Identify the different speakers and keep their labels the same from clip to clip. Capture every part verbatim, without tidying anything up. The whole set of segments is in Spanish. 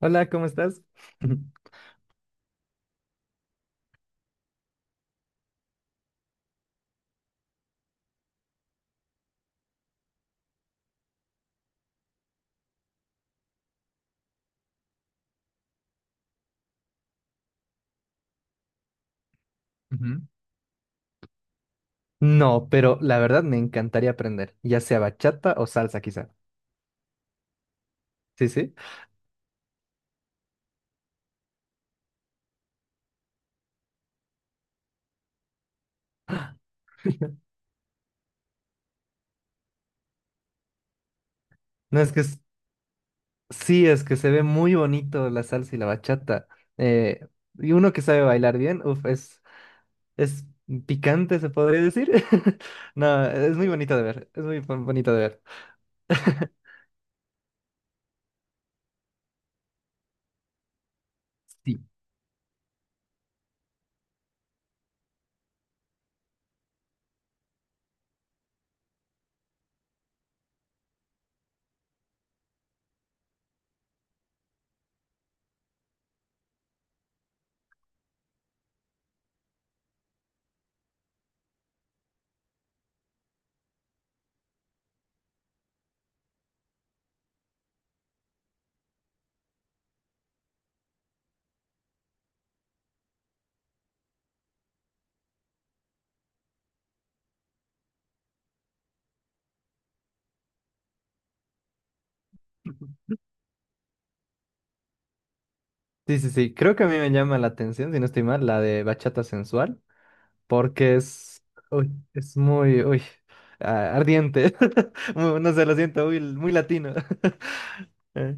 Speaker 1: Hola, ¿cómo estás? Ujú. No, pero la verdad me encantaría aprender, ya sea bachata o salsa quizá. Sí, sí. No, es que es- sí, es que se ve muy bonito la salsa y la bachata. Eh, y uno que sabe bailar bien, uf, es, es picante, se podría decir. No, es muy bonito de ver, es muy bon- bonito de ver. Sí, sí, sí, sí. Creo que a mí me llama la atención, si no estoy mal, la de bachata sensual, porque es, uy, es muy, uy, ah, ardiente. Muy- No sé, lo siento, muy, muy latino. Eh,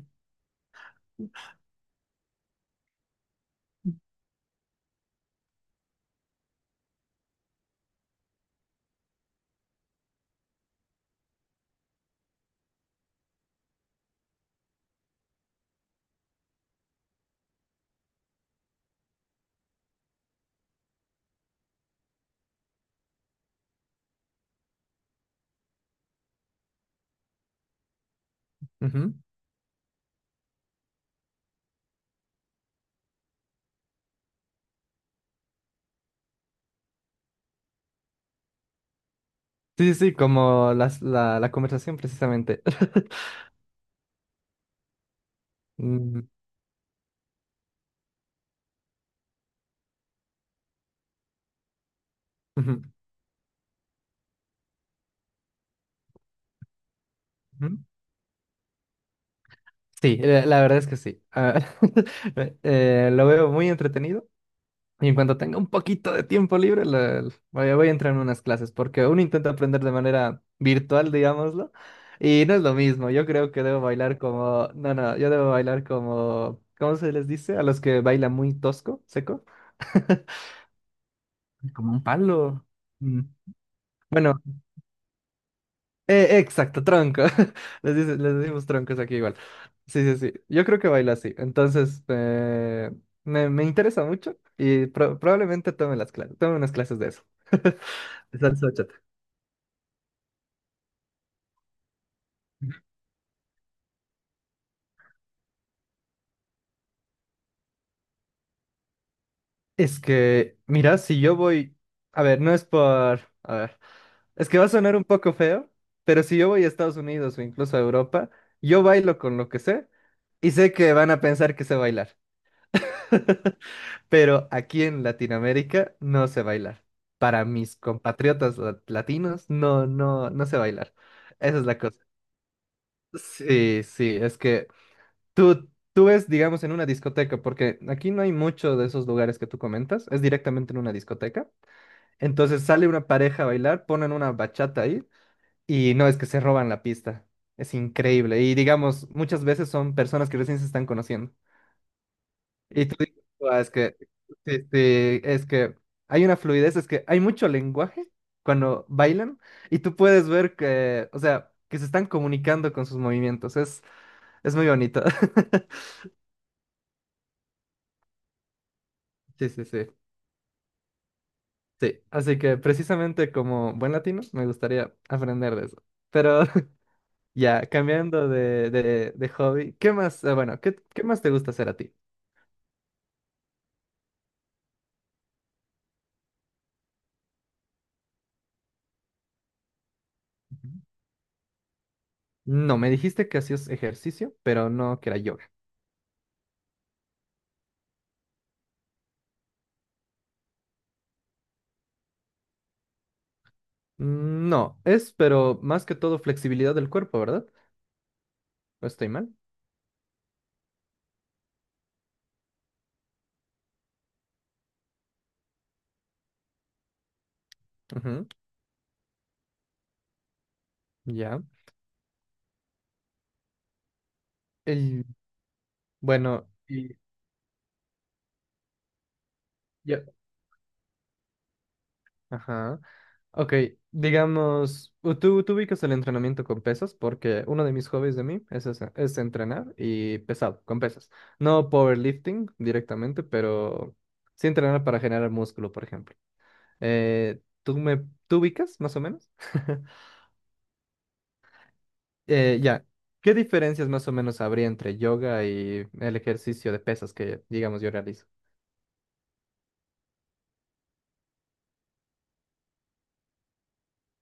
Speaker 1: ujú. Sí, sí, sí, como las- la, la conversación precisamente. Mm, ujú, ujú. Sí, eh, la verdad es que sí. Ah, eh, lo veo muy entretenido. Y en cuanto tenga un poquito de tiempo libre, la- la- voy, a voy a entrar en unas clases, porque uno intenta aprender de manera virtual, digámoslo, y no es lo mismo. Yo creo que debo bailar como, no, no, yo debo bailar como, ¿cómo se les dice? A los que bailan muy tosco, seco. Como un palo. Mm, Bueno, eh, exacto, tronco. Les dice- les decimos troncos aquí igual. Sí, sí, sí. Yo creo que baila así. Entonces, eh, me, me interesa mucho y pro- probablemente tome las clases, tome unas clases de eso. Salsa bachata. Es que, mira, si yo voy, a ver, no es por, a ver, es que va a sonar un poco feo, pero si yo voy a Estados Unidos o incluso a Europa, yo bailo con lo que sé y sé que van a pensar que sé bailar, pero aquí en Latinoamérica no sé bailar. Para mis compatriotas la- latinos, no, no, no sé bailar. Esa es la cosa. Sí, sí, es que Tú, tú ves, digamos, en una discoteca, porque aquí no hay mucho de esos lugares que tú comentas, es directamente en una discoteca. Entonces sale una pareja a bailar, ponen una bachata ahí, y no es que se roban la pista. Es increíble. Y digamos, muchas veces son personas que recién se están conociendo. Y tú dices: "Guau, es que, sí, sí, es que hay una fluidez, es que hay mucho lenguaje cuando bailan y tú puedes ver que, o sea, que se están comunicando con sus movimientos. Es, es muy bonito". Sí, sí, sí. Sí, así que precisamente como buen latino me gustaría aprender de eso. Pero ya, cambiando de, de, de hobby, ¿qué más? Eh, bueno, ¿qué, qué más te gusta hacer a ti? Ujú. No, me dijiste que hacías ejercicio, pero no que era yoga. Mm, No, es, pero más que todo flexibilidad del cuerpo, ¿verdad? ¿No estoy mal? Ujú, ya. el bueno, y, ya, ajá, ok, digamos, u- tú, tú ubicas el entrenamiento con pesas porque uno de mis hobbies de mí es, ese- es entrenar y pesado, con pesas. No powerlifting directamente, pero sí entrenar para generar músculo, por ejemplo. Eh, ¿tú me, tú ubicas más o menos? Eh, ya, ¿qué diferencias más o menos habría entre yoga y el ejercicio de pesas que, digamos, yo realizo?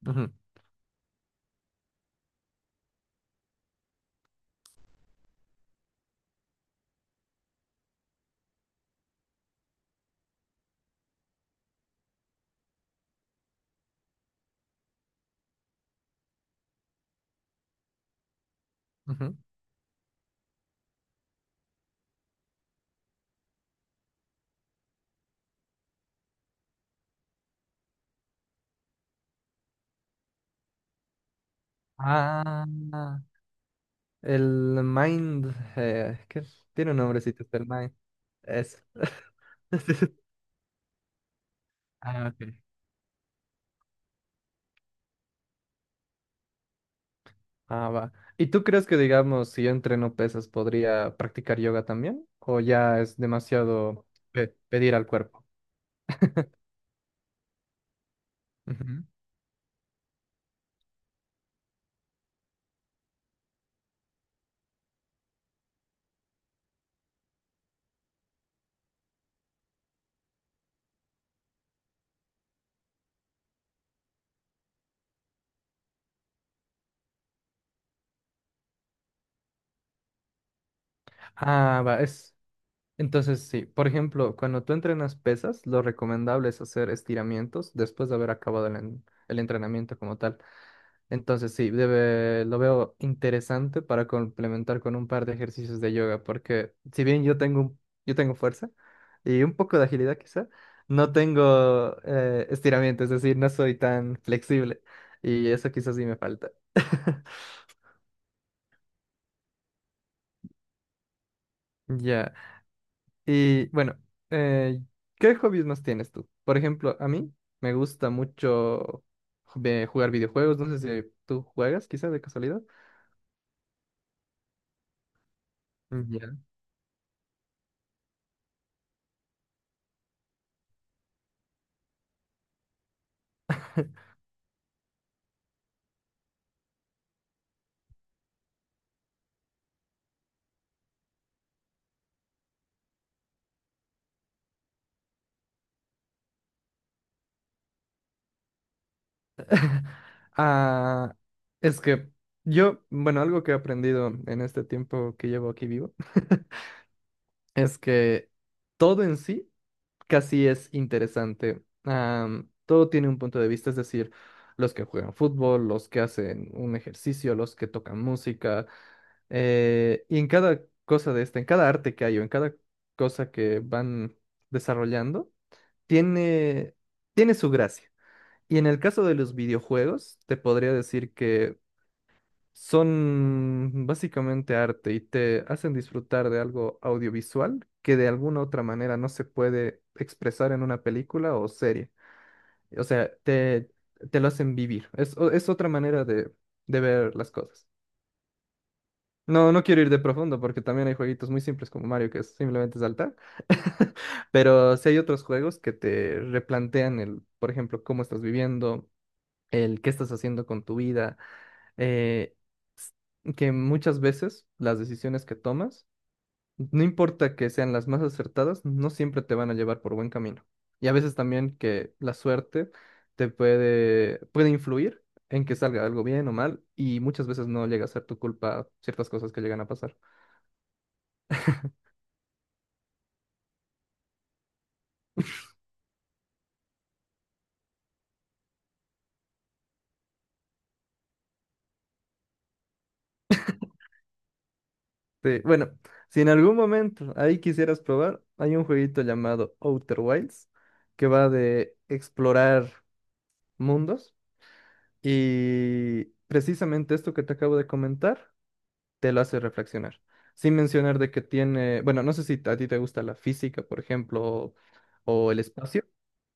Speaker 1: Ujú, ujú. Ah, el mind, eh, ¿qué? Tiene un nombrecito, el mind. Eso. Ah, ok. Ah, va. ¿Y tú crees que, digamos, si yo entreno pesas, podría practicar yoga también? ¿O ya es demasiado pe- pedir al cuerpo? Ujú. Ah, va, es. Entonces, sí, por ejemplo, cuando tú entrenas pesas, lo recomendable es hacer estiramientos después de haber acabado el, en- el entrenamiento como tal. Entonces sí, debe- lo veo interesante para complementar con un par de ejercicios de yoga, porque si bien yo tengo, un- yo tengo fuerza y un poco de agilidad quizá, no tengo eh, estiramiento, es decir, no soy tan flexible, y eso quizás sí me falta. Ya. Y bueno, eh, ¿qué hobbies más tienes tú? Por ejemplo, a mí me gusta mucho ve- jugar videojuegos, no sé si tú juegas quizá de casualidad. Ya. Ah, es que yo, bueno, algo que he aprendido en este tiempo que llevo aquí vivo es que todo en sí casi es interesante. Am, todo tiene un punto de vista, es decir, los que juegan fútbol, los que hacen un ejercicio, los que tocan música, eh, y en cada cosa de esta, en cada arte que hay o en cada cosa que van desarrollando, tiene, tiene su gracia. Y en el caso de los videojuegos, te podría decir que son básicamente arte y te hacen disfrutar de algo audiovisual que de alguna otra manera no se puede expresar en una película o serie. O sea, te, te lo hacen vivir. Es, o- es otra manera de, de ver las cosas. No, no quiero ir de profundo porque también hay jueguitos muy simples como Mario, que es simplemente saltar. Pero sí hay otros juegos que te replantean el, por ejemplo, cómo estás viviendo, el qué estás haciendo con tu vida. eh, s- que muchas veces las decisiones que tomas, no importa que sean las más acertadas, no siempre te van a llevar por buen camino. Y a veces también que la suerte te puede, puede influir en que salga algo bien o mal, y muchas veces no llega a ser tu culpa ciertas cosas que llegan a pasar. Sí, bueno, si en algún momento ahí quisieras probar, hay un jueguito llamado Outer Wilds que va de explorar mundos. Y precisamente esto que te acabo de comentar te lo hace reflexionar. Sin mencionar de que tiene, bueno, no sé si a ti te gusta la física, por ejemplo, o el espacio,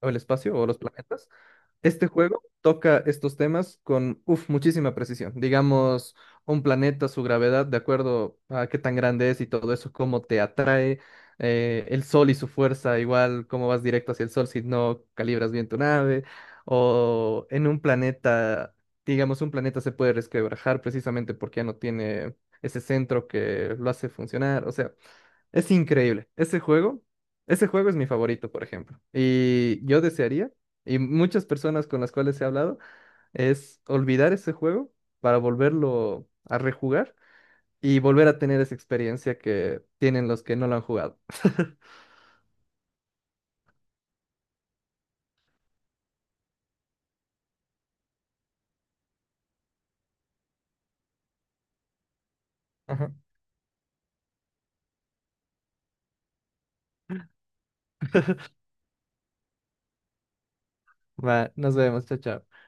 Speaker 1: o el espacio, o los planetas. Este juego toca estos temas con, uf, muchísima precisión. Digamos, un planeta, su gravedad, de acuerdo a qué tan grande es y todo eso, cómo te atrae, eh, el sol y su fuerza, igual cómo vas directo hacia el sol si no calibras bien tu nave, o en un planeta, digamos, un planeta se puede resquebrajar precisamente porque ya no tiene ese centro que lo hace funcionar. O sea, es increíble. Ese juego, ese juego es mi favorito, por ejemplo. Y yo desearía, y muchas personas con las cuales he hablado, es olvidar ese juego para volverlo a rejugar y volver a tener esa experiencia que tienen los que no lo han jugado. Ajá. Va, nos vemos, chao, chao.